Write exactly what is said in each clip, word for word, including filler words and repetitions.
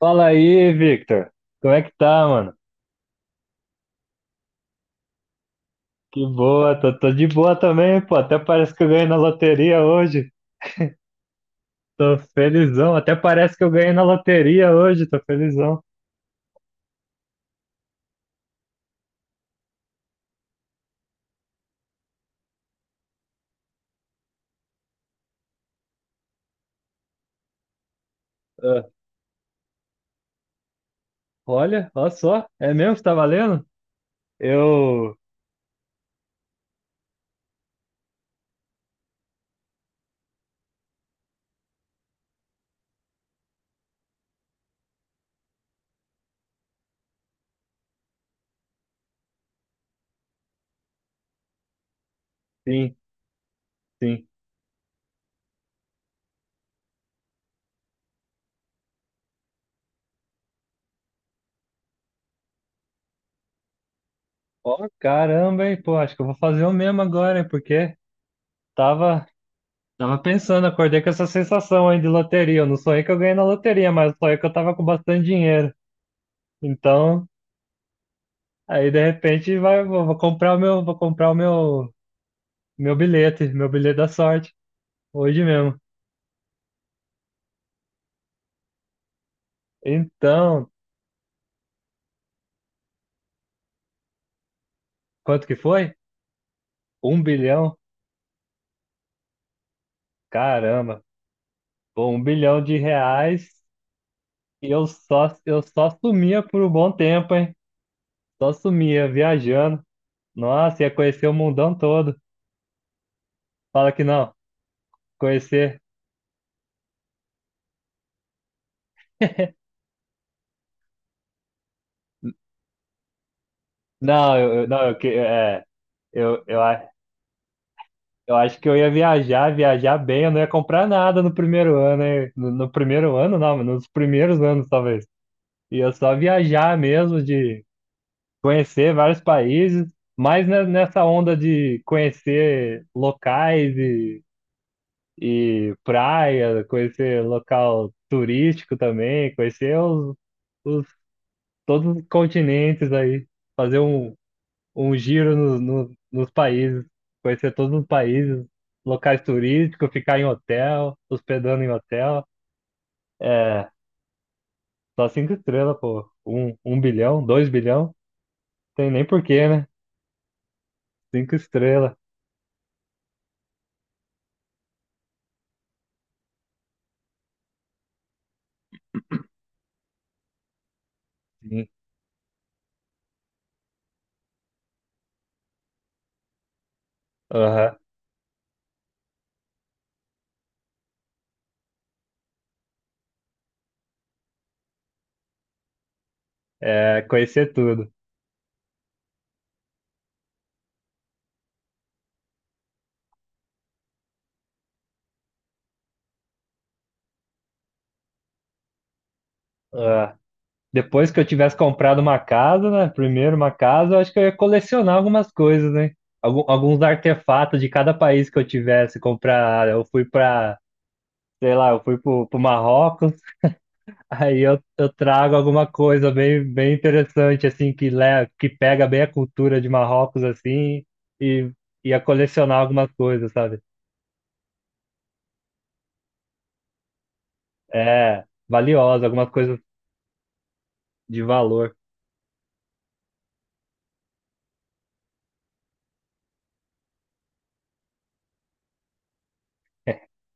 Fala aí, Victor. Como é que tá, mano? Que boa, tô, tô de boa também, pô. Até parece que eu ganhei na loteria hoje. Tô felizão. Até parece que eu ganhei na loteria hoje, tô felizão. Ah, olha, olha só. É mesmo que tá valendo? Eu. Sim, sim. Ó, caramba, hein, pô. Acho que eu vou fazer o mesmo agora, hein, porque tava. Tava pensando, acordei com essa sensação aí de loteria. Eu não sonhei que eu ganhei na loteria, mas eu sonhei que eu tava com bastante dinheiro. Então, aí de repente vai, vou, vou comprar o meu, vou comprar o meu, meu bilhete, meu bilhete da sorte, hoje mesmo. Então, quanto que foi? Um bilhão? Caramba, pô, um bilhão de reais e eu só, eu só sumia por um bom tempo, hein? Só sumia, viajando. Nossa, ia conhecer o mundão todo. Fala que não, conhecer. Não, eu, eu- não, eu, que- é. Eu, eu, a- Eu acho que eu ia viajar, viajar bem, eu não ia comprar nada no primeiro ano, hein? No, no primeiro ano, não, mas nos primeiros anos, talvez. Ia só viajar mesmo, de conhecer vários países, mas ne- nessa onda de conhecer locais e, e praia, conhecer local turístico também, conhecer os, os, todos os continentes aí, fazer um, um giro no- no- nos países, conhecer todos os países, locais turísticos, ficar em hotel, hospedando em hotel. É, só cinco estrelas, pô. Um, um bilhão, dois bilhão, tem nem porquê, né? Cinco estrelas. Sim. Aham. É, conhecer tudo. Ah, depois que eu tivesse comprado uma casa, né? Primeiro uma casa, eu acho que eu ia colecionar algumas coisas, né? Algum- alguns artefatos de cada país que eu tivesse. Comprar, eu fui pra, sei lá, eu fui pro, pro Marrocos. Aí eu, eu trago alguma coisa bem, bem interessante, assim, que, le, que pega bem a cultura de Marrocos, assim, e ia colecionar algumas coisas, sabe? É, valiosa, algumas coisas de valor.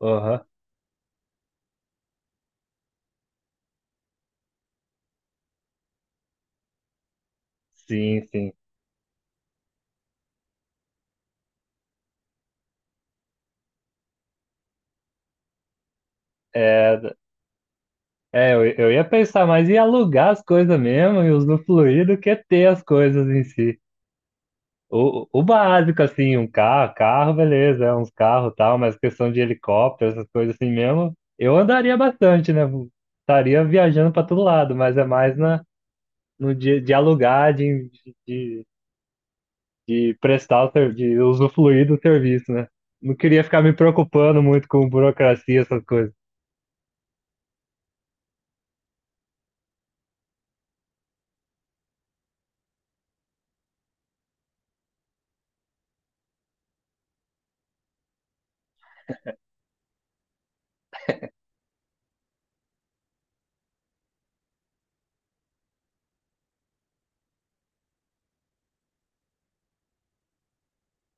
Aham. Sim, sim. É, é eu, eu ia pensar, mas ia alugar as coisas mesmo e usufruir do que ter as coisas em si. O, o básico, assim, um carro, carro, beleza, é uns carros e tal, mas questão de helicóptero, essas coisas assim mesmo, eu andaria bastante, né? Estaria viajando para todo lado, mas é mais na, no dia de alugar, de, de, de prestar, o ser- de usufruir do serviço, né? Não queria ficar me preocupando muito com burocracia, essas coisas.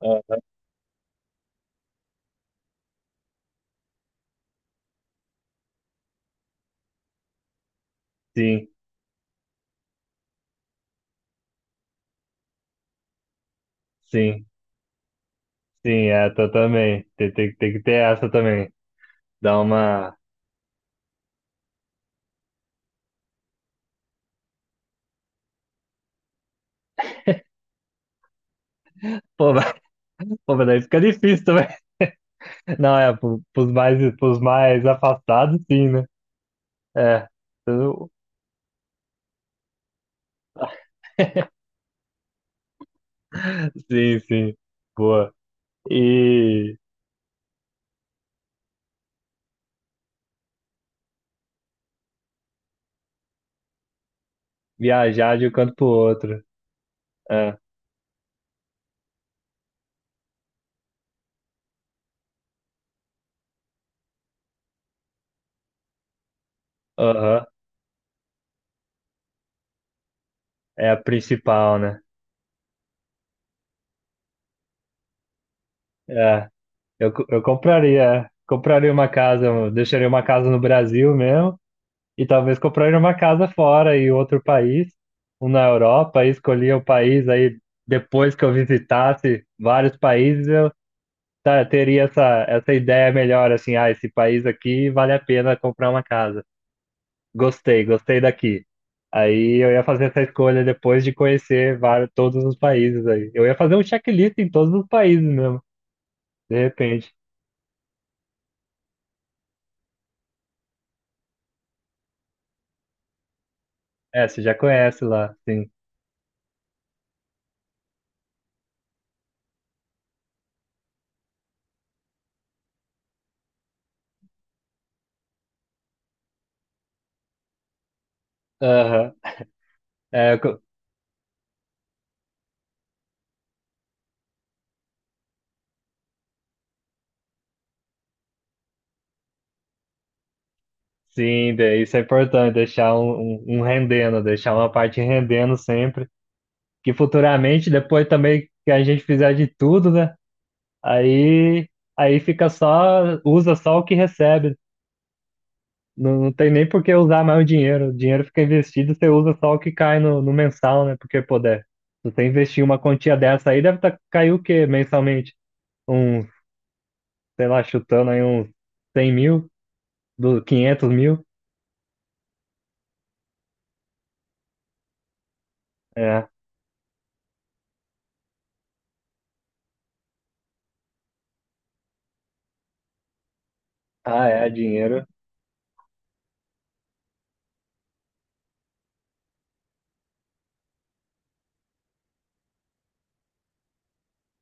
Ah, sim, sim, sim, é, tô também. Tem, tem, tem que ter essa também. Dá uma. Pô, mas pô, mas daí fica difícil também. Não, é, pro- pros mais, pros mais afastados, sim, né? É, eu- sim, sim, boa. E viajar de um canto pro outro, é, aham, é a principal, né? É, eu, co- eu compraria, é. Compraria uma casa, eu deixaria uma casa no Brasil mesmo, e talvez compraria uma casa fora, em outro país, um na Europa, e escolhia o país, aí depois que eu visitasse vários países, tá, teria essa, essa ideia melhor, assim, ah, esse país aqui vale a pena comprar uma casa. Gostei, gostei daqui. Aí eu ia fazer essa escolha depois de conhecer vários, todos os países aí. Eu ia fazer um checklist em todos os países mesmo, de repente. É, você já conhece lá, sim. Aham. É, eu co- sim, de- isso é importante, deixar um, um, um rendendo, deixar uma parte rendendo sempre. Que futuramente, depois também que a gente fizer de tudo, né? Aí, aí fica só, usa só o que recebe. Não, não tem nem por que usar mais o dinheiro. O dinheiro fica investido, você usa só o que cai no, no mensal, né? Porque poder. Se você investir uma quantia dessa aí, deve tá, cair o quê mensalmente? Uns, sei lá, chutando aí uns cem mil, do- quinhentos mil. É. Ah, é, dinheiro.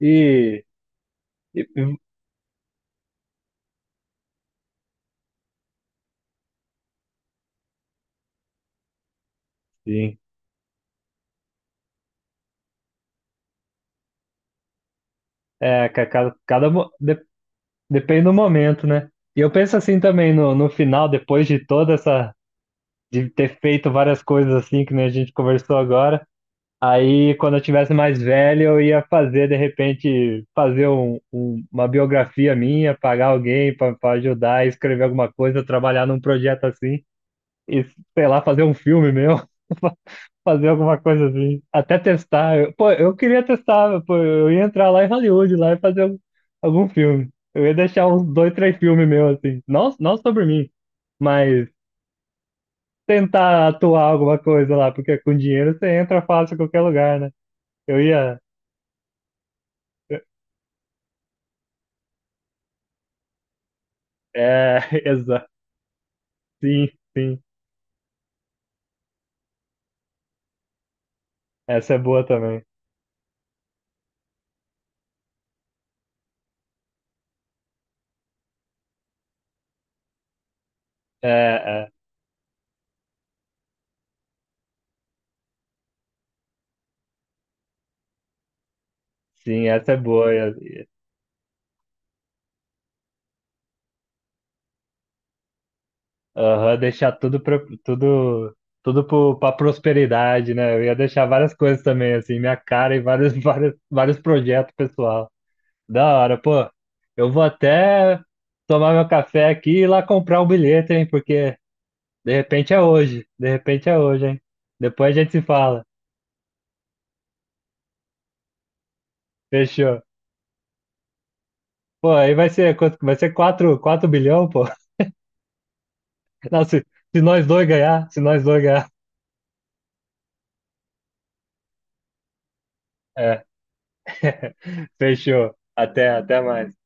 E, e e- sim. É, ca- cada, cada, mo- de- depende do momento, né? E eu penso assim também no, no final, depois de toda essa. De ter feito várias coisas assim, que nem a gente conversou agora. Aí, quando eu tivesse mais velho, eu ia fazer, de repente, fazer um- um- uma biografia minha, pagar alguém para ajudar, escrever alguma coisa, trabalhar num projeto assim, e sei lá, fazer um filme meu, fazer alguma coisa assim, até testar. Eu- Pô, eu queria testar, pô, eu ia entrar lá em Hollywood, lá e fazer um- algum filme. Eu ia deixar uns dois, três filmes meus assim, não, não sobre mim, mas tentar atuar alguma coisa lá, porque com dinheiro você entra fácil em qualquer lugar, né? Eu ia. É, exato. Sim, sim. Essa é boa também. É, é. Sim, essa é boa. E- e- Aham, deixar tudo pra, tudo, tudo pro, pra prosperidade, né? Eu ia deixar várias coisas também, assim, minha cara e vários, vários, vários projetos pessoal. Da hora, pô. Eu vou até tomar meu café aqui e ir lá comprar um bilhete, hein? Porque de repente é hoje. De repente é hoje, hein? Depois a gente se fala. Fechou. Pô, aí vai ser quanto? Vai ser quatro quatro bilhão, pô. Não, se, se nós dois ganhar, se nós dois ganhar. É. Fechou. Até, até mais.